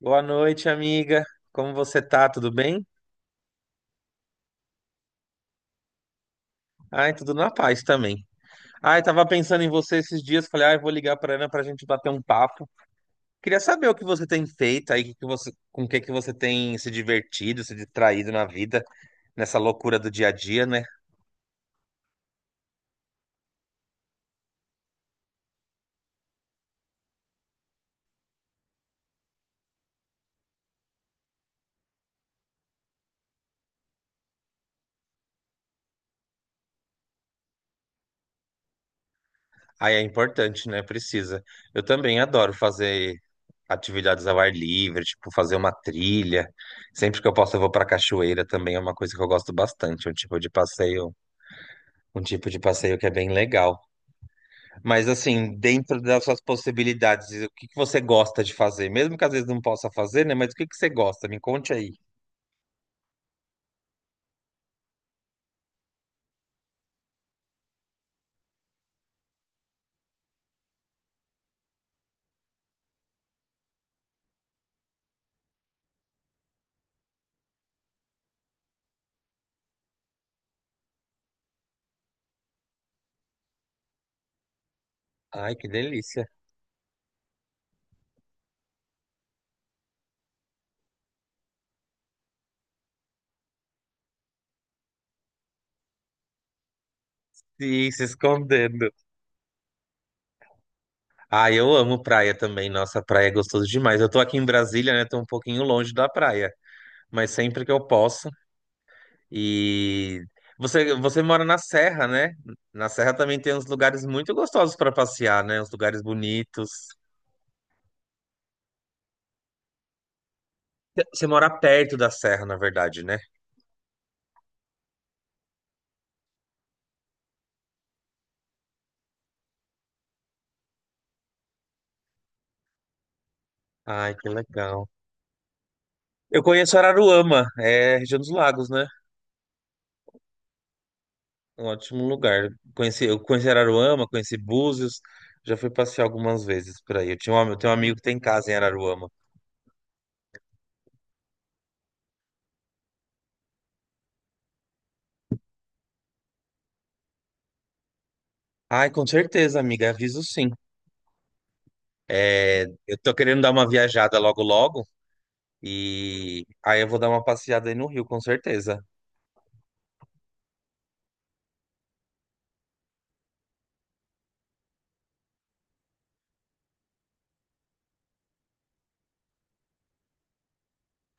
Boa noite, amiga. Como você tá? Tudo bem? Ai, tudo na paz também. Ai, tava pensando em você esses dias, falei, ai, vou ligar pra Ana pra gente bater um papo. Queria saber o que você tem feito aí, com o que que você tem se divertido, se distraído na vida, nessa loucura do dia a dia, né? Ai, é importante, né? Precisa. Eu também adoro fazer atividades ao ar livre, tipo fazer uma trilha. Sempre que eu posso, eu vou pra cachoeira também, é uma coisa que eu gosto bastante, um tipo de passeio que é bem legal. Mas assim, dentro das suas possibilidades, o que que você gosta de fazer? Mesmo que às vezes não possa fazer, né? Mas o que que você gosta? Me conte aí. Ai, que delícia. Ih, se escondendo. Ah, eu amo praia também. Nossa, praia é gostoso demais. Eu tô aqui em Brasília, né? Tô um pouquinho longe da praia, mas sempre que eu posso. E você mora na Serra, né? Na Serra também tem uns lugares muito gostosos para passear, né? Uns lugares bonitos. Você mora perto da Serra, na verdade, né? Ai, que legal. Eu conheço Araruama, é região dos lagos, né? É um ótimo lugar. Eu conheci Araruama, conheci Búzios, já fui passear algumas vezes por aí. Eu tenho um amigo que tem casa em Araruama. Ai, com certeza, amiga, aviso sim. É, eu tô querendo dar uma viajada logo logo e aí eu vou dar uma passeada aí no Rio, com certeza.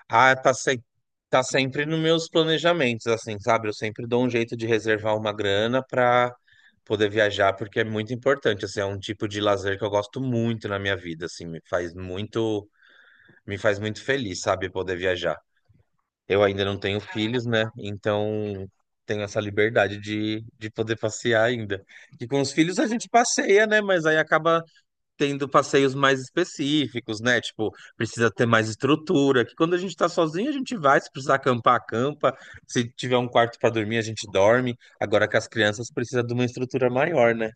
Ah, tá, se... Tá sempre nos meus planejamentos, assim, sabe? Eu sempre dou um jeito de reservar uma grana pra poder viajar, porque é muito importante, assim, é um tipo de lazer que eu gosto muito na minha vida, assim, me faz muito feliz, sabe, poder viajar. Eu ainda não tenho filhos, né? Então tenho essa liberdade de poder passear ainda. E com os filhos a gente passeia, né? Mas aí acaba tendo passeios mais específicos, né? Tipo, precisa ter mais estrutura, que quando a gente tá sozinho, a gente vai, se precisar acampar, acampa, se tiver um quarto pra dormir, a gente dorme. Agora com as crianças precisa de uma estrutura maior, né?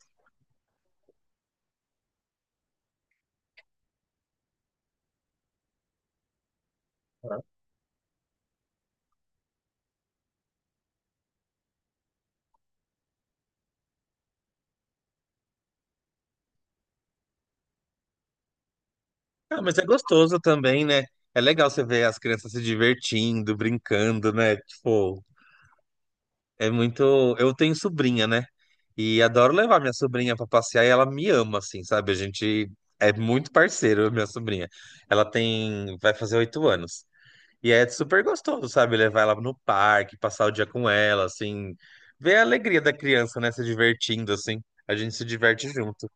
Ah, mas é gostoso também, né? É legal você ver as crianças se divertindo, brincando, né? Tipo, é muito. Eu tenho sobrinha, né? E adoro levar minha sobrinha pra passear e ela me ama, assim, sabe? A gente é muito parceiro, minha sobrinha. Ela tem. Vai fazer 8 anos. E é super gostoso, sabe? Levar ela no parque, passar o dia com ela, assim. Ver a alegria da criança, né? Se divertindo, assim. A gente se diverte junto.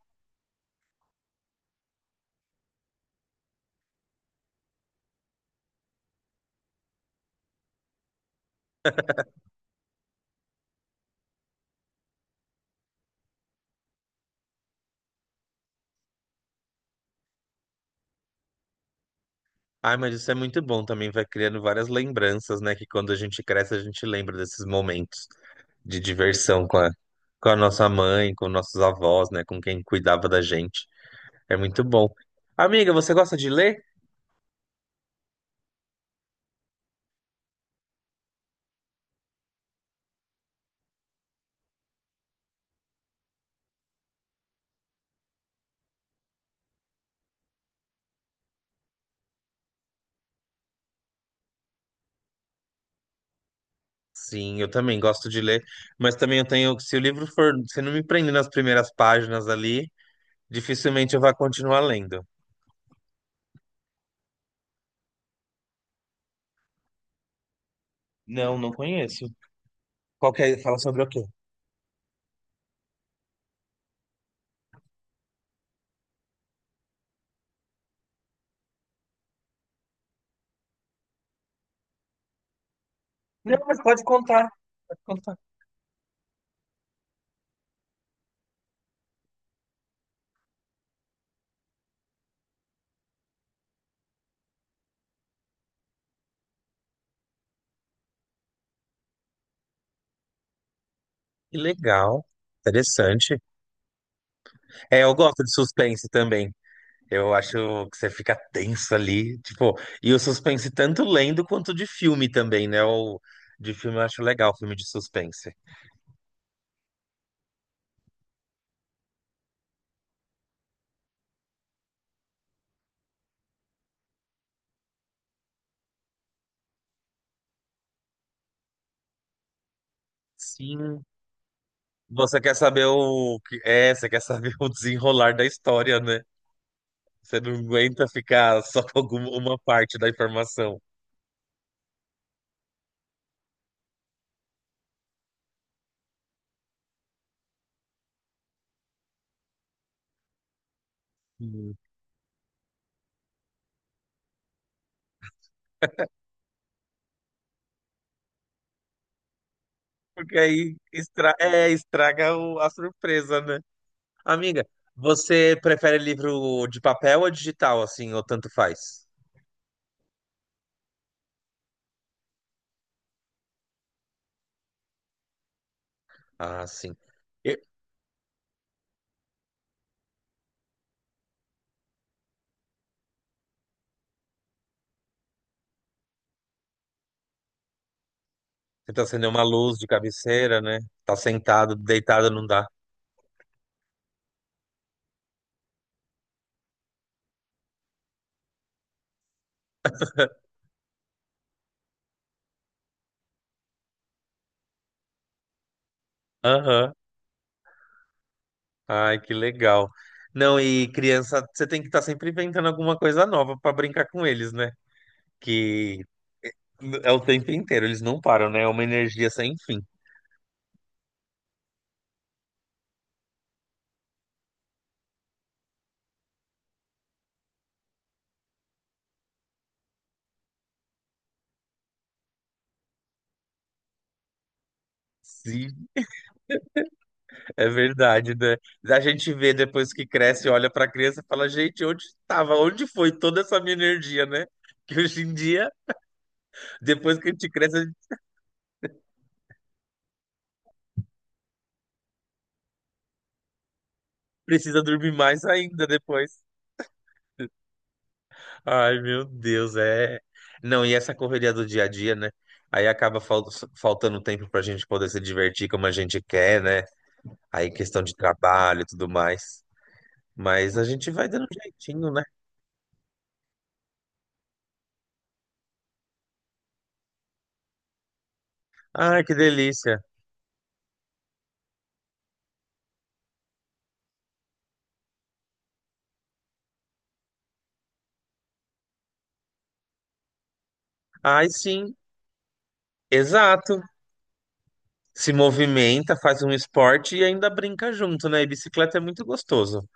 Ai, mas isso é muito bom também. Vai criando várias lembranças, né? Que quando a gente cresce, a gente lembra desses momentos de diversão com a nossa mãe, com nossos avós, né? Com quem cuidava da gente. É muito bom. Amiga, você gosta de ler? Sim, eu também gosto de ler. Mas também eu tenho. Se o livro for. Se não me prender nas primeiras páginas ali. Dificilmente eu vá continuar lendo. Não, não conheço. Qual que é? Fala sobre o quê? Não, mas pode contar, pode contar. Que legal, interessante. É, eu gosto de suspense também. Eu acho que você fica tenso ali, tipo, e o suspense tanto lendo quanto de filme também, né? O de filme eu acho legal, filme de suspense. Sim. Você quer saber o que é, você quer saber o desenrolar da história, né? Você não aguenta ficar só com alguma uma parte da informação. Porque aí é, estraga a surpresa, né? Amiga, você prefere livro de papel ou digital, assim, ou tanto faz? Ah, sim. E- Tenta acender uma luz de cabeceira, né? Tá sentado, deitado, não dá. Aham. Ai, que legal. Não, e criança, você tem que estar sempre inventando alguma coisa nova pra brincar com eles, né? Que é o tempo inteiro, eles não param, né? É uma energia sem fim. Se É verdade, né? A gente vê depois que cresce, olha pra criança e fala, gente, onde estava? Onde foi toda essa minha energia, né? Que hoje em dia, depois que a gente cresce, a gente precisa dormir mais ainda depois. Ai, meu Deus, é. Não, e essa correria do dia a dia, né? Aí faltando tempo pra gente poder se divertir como a gente quer, né? Aí questão de trabalho e tudo mais. Mas a gente vai dando um jeitinho, né? Ai, que delícia. Ai, sim, exato. Se movimenta, faz um esporte e ainda brinca junto, né? E bicicleta é muito gostoso.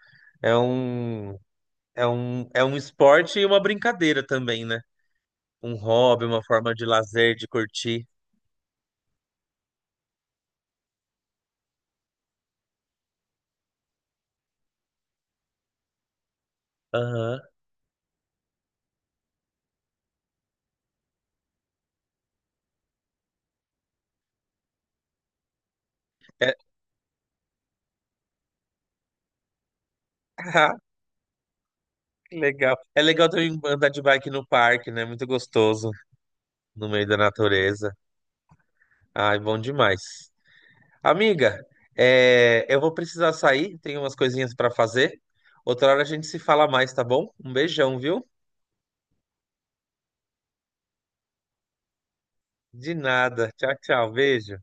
É um, é um esporte e uma brincadeira também, né? Um hobby, uma forma de lazer, de curtir. Aham. É, ah, que legal. É legal também andar de bike no parque, né? Muito gostoso, no meio da natureza. Ai, bom demais. Amiga, eu vou precisar sair, tenho umas coisinhas para fazer. Outra hora a gente se fala mais, tá bom? Um beijão, viu? De nada. Tchau, tchau. Beijo.